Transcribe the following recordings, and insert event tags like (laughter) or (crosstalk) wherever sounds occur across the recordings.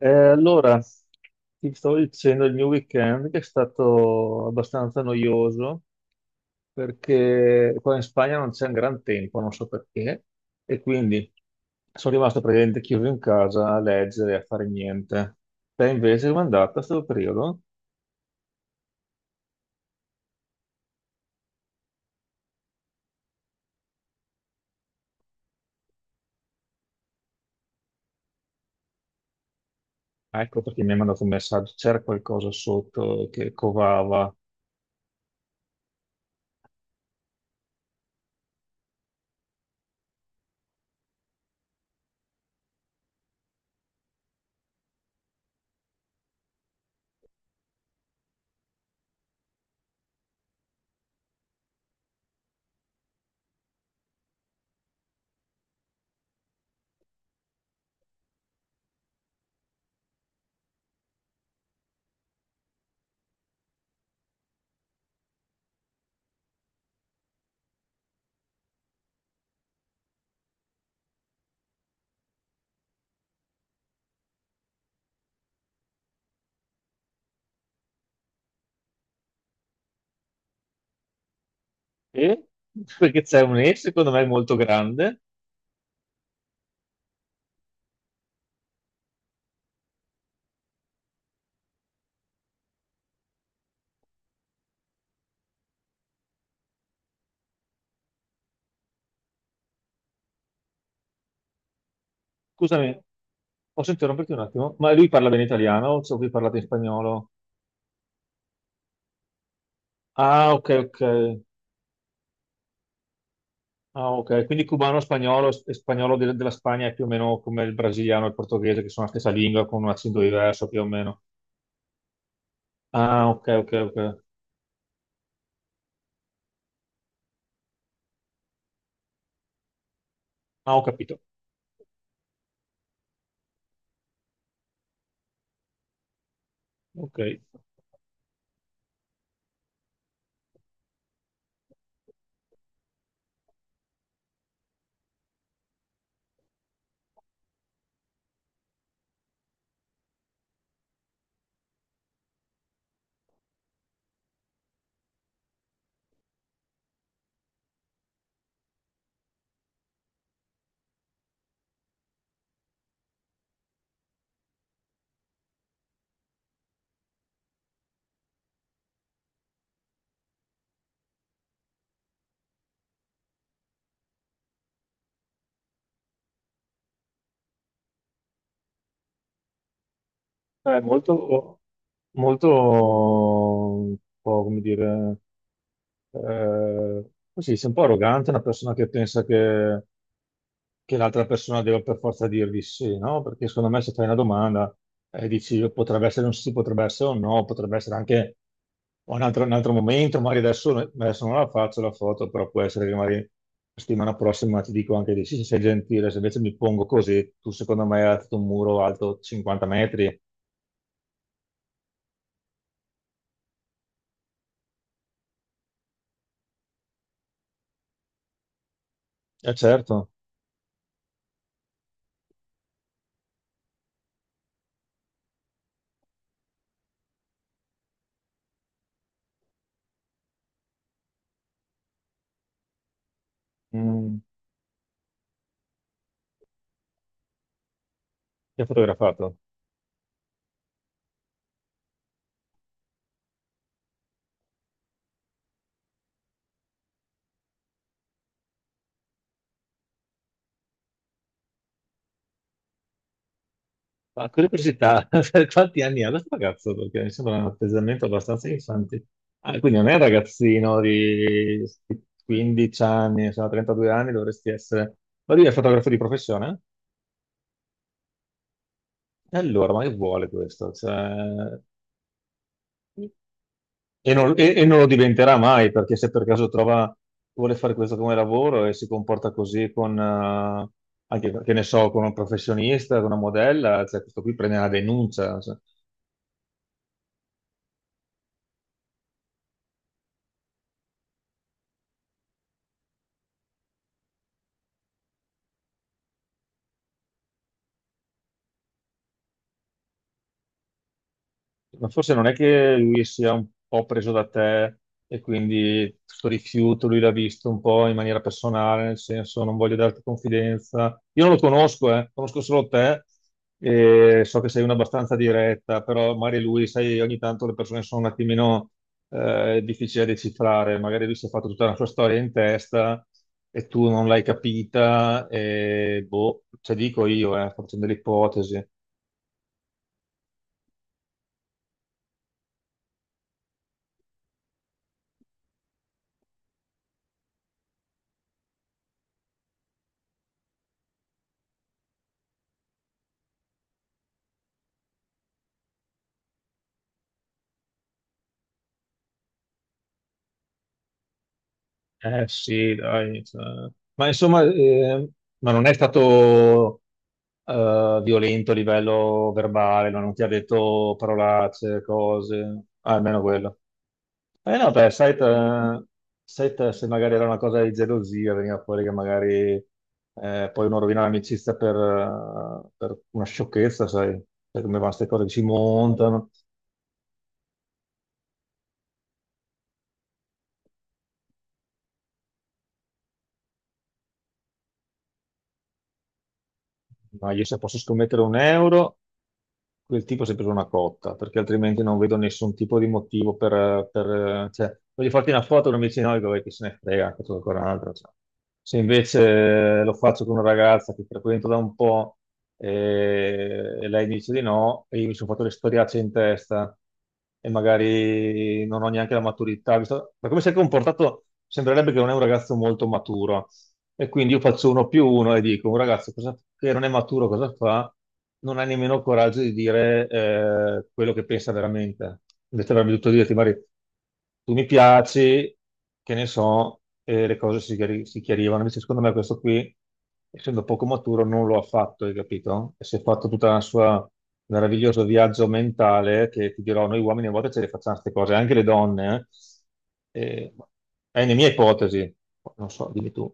Eh, allora, ti stavo dicendo il mio weekend che è stato abbastanza noioso perché qua in Spagna non c'è un gran tempo, non so perché, e quindi sono rimasto praticamente chiuso in casa a leggere, a fare niente. Te invece come è andata questo periodo? Ah, ecco perché mi hai mandato un messaggio, c'era qualcosa sotto che covava. E? Perché c'è un E secondo me molto grande. Scusami, posso interromperti un attimo? Ma lui parla bene italiano o so che parlate in spagnolo? Ah, ok, ok. Ah, ok. Quindi cubano, spagnolo e spagnolo della Spagna è più o meno come il brasiliano e il portoghese, che sono la stessa lingua con un accento diverso più o meno. Ah, ok, ok, ok. Ah, ho capito. Ok. È molto, molto, un po' come dire, così, sei un po' arrogante, una persona che pensa che l'altra persona deve per forza dirvi sì, no? Perché secondo me se fai una domanda e dici potrebbe essere un sì, potrebbe essere un no, potrebbe essere anche un altro momento, magari adesso, no, adesso non la faccio la foto, però può essere che magari la settimana prossima ti dico anche di sì, se sei gentile, se invece mi pongo così, tu secondo me hai alzato un muro alto 50 metri. Eh certo. Mm, ti ha fotografato. Ma curiosità, (laughs) per quanti anni ha questo ragazzo? Perché mi sembra un atteggiamento abbastanza infantile. Ah, quindi non è un ragazzino di 15 anni, insomma, 32 anni dovresti essere. Ma lui è fotografo di professione? E allora, ma che vuole questo? Cioè, e non, e non lo diventerà mai, perché se per caso trova, vuole fare questo come lavoro e si comporta così con, anche, che ne so, con un professionista, con una modella, cioè questo qui prende una denuncia, cioè. Ma forse non è che lui sia un po' preso da te e quindi questo rifiuto lui l'ha visto un po' in maniera personale, nel senso non voglio darti confidenza. Io non lo conosco, conosco solo te e so che sei una abbastanza diretta, però magari lui, sai, ogni tanto le persone sono un attimino difficili da decifrare, magari lui si è fatto tutta la sua storia in testa e tu non l'hai capita e boh, ce dico io, sto facendo delle ipotesi. Eh sì, dai, cioè. Ma insomma, ma non è stato violento a livello verbale, no? Non ti ha detto parolacce, cose, ah, almeno quello. Eh no, beh, sai, sai te se magari era una cosa di gelosia, veniva fuori che magari poi uno rovina l'amicizia per una sciocchezza, sai, sai come vanno queste cose, che si montano. Ma io se posso scommettere un euro... quel tipo è sempre una cotta, perché altrimenti non vedo nessun tipo di motivo per... cioè, voglio farti una foto, non mi dici no, vabbè, chi se ne frega, faccio ancora un'altra, cioè. Se invece lo faccio con una ragazza che frequento da un po' e lei dice di no, e io mi sono fatto le storiacce in testa e magari non ho neanche la maturità, visto... ma come si è comportato, sembrerebbe che non è un ragazzo molto maturo e quindi io faccio uno più uno e dico, un ragazzo che non è maturo cosa fa? Non ha nemmeno il coraggio di dire quello che pensa veramente. Invece avrebbe dovuto dirti, Mari, tu mi piaci, che ne so, e le cose si, si chiarivano. Invece secondo me questo qui, essendo poco maturo, non lo ha fatto, hai capito? E si è fatto tutta la sua meraviglioso viaggio mentale che ti dirò, noi uomini a volte ce le facciamo queste cose, anche le donne. Eh. È nella mia ipotesi, non so, dimmi tu.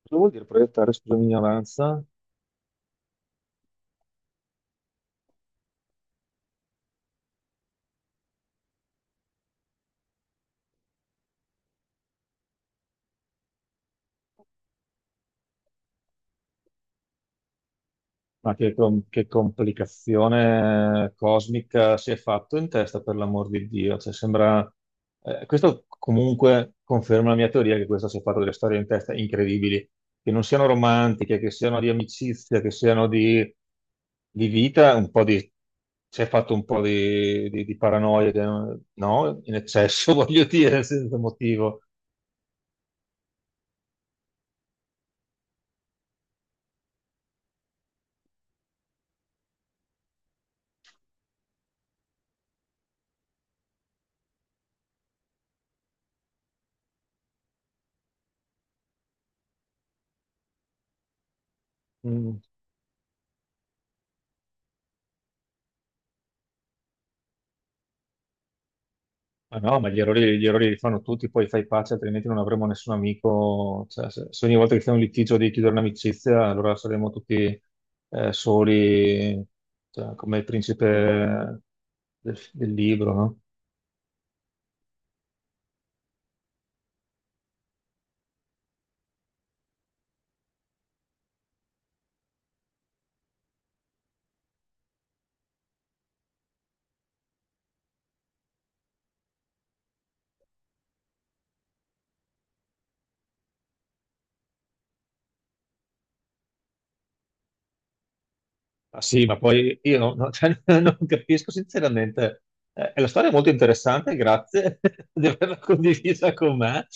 Cosa vuol dire proiettare, scusami, ignoranza? Ma che, che complicazione cosmica si è fatto in testa, per l'amor di Dio. Cioè, sembra... questo comunque conferma la mia teoria che questo si è fatto delle storie in testa incredibili, che non siano romantiche, che siano di amicizia, che siano di vita, un po' di... si è fatto un po' di paranoia, no? In eccesso, (laughs) voglio dire, senza motivo. Mm. Ma no, ma gli errori li fanno tutti, poi fai pace, altrimenti non avremo nessun amico. Cioè, se ogni volta che c'è un litigio devi chiudere un'amicizia, allora saremo tutti soli, cioè, come il principe del libro, no? Ma sì, ma poi io cioè, (laughs) non capisco sinceramente. La storia è molto interessante, grazie (laughs) di averla condivisa con me,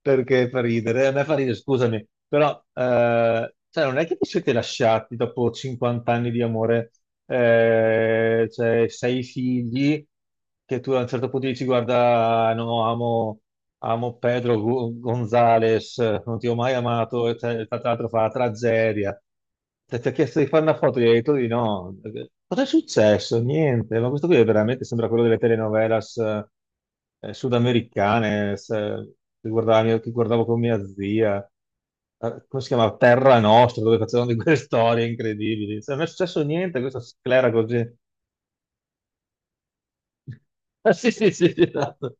perché fa ridere, a me fa ridere, scusami, però cioè, non è che vi siete lasciati dopo 50 anni di amore, cioè sei figli, che tu a un certo punto dici guarda, no, amo, amo Pedro Gonzalez, non ti ho mai amato, e tra l'altro fa la tragedia. Ti ha chiesto di fare una foto, gli hai detto di no. Cosa è successo? Niente, ma questo qui è veramente sembra quello delle telenovelas sudamericane, che guardavo con mia zia. Come si chiama? Terra Nostra, dove facevano di quelle storie incredibili. Cioè, non è successo niente, questa sclera così. (laughs) Ah, sì, sì, sì, sì, esatto.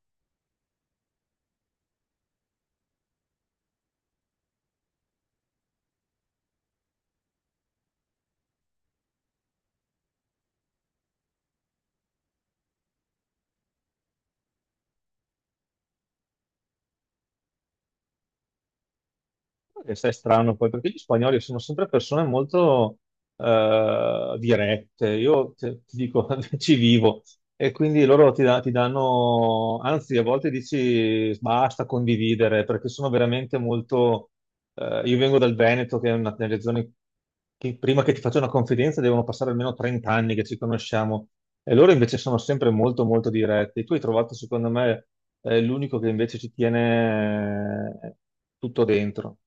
E sai, è strano poi, perché gli spagnoli sono sempre persone molto dirette. Io ti dico, (laughs) ci vivo. E quindi loro ti danno, anzi, a volte dici basta condividere, perché sono veramente molto. Eh, io vengo dal Veneto, che è una delle zone che prima che ti faccia una confidenza devono passare almeno 30 anni che ci conosciamo. E loro invece sono sempre molto, molto diretti. Tu hai trovato, secondo me, l'unico che invece ci tiene tutto dentro.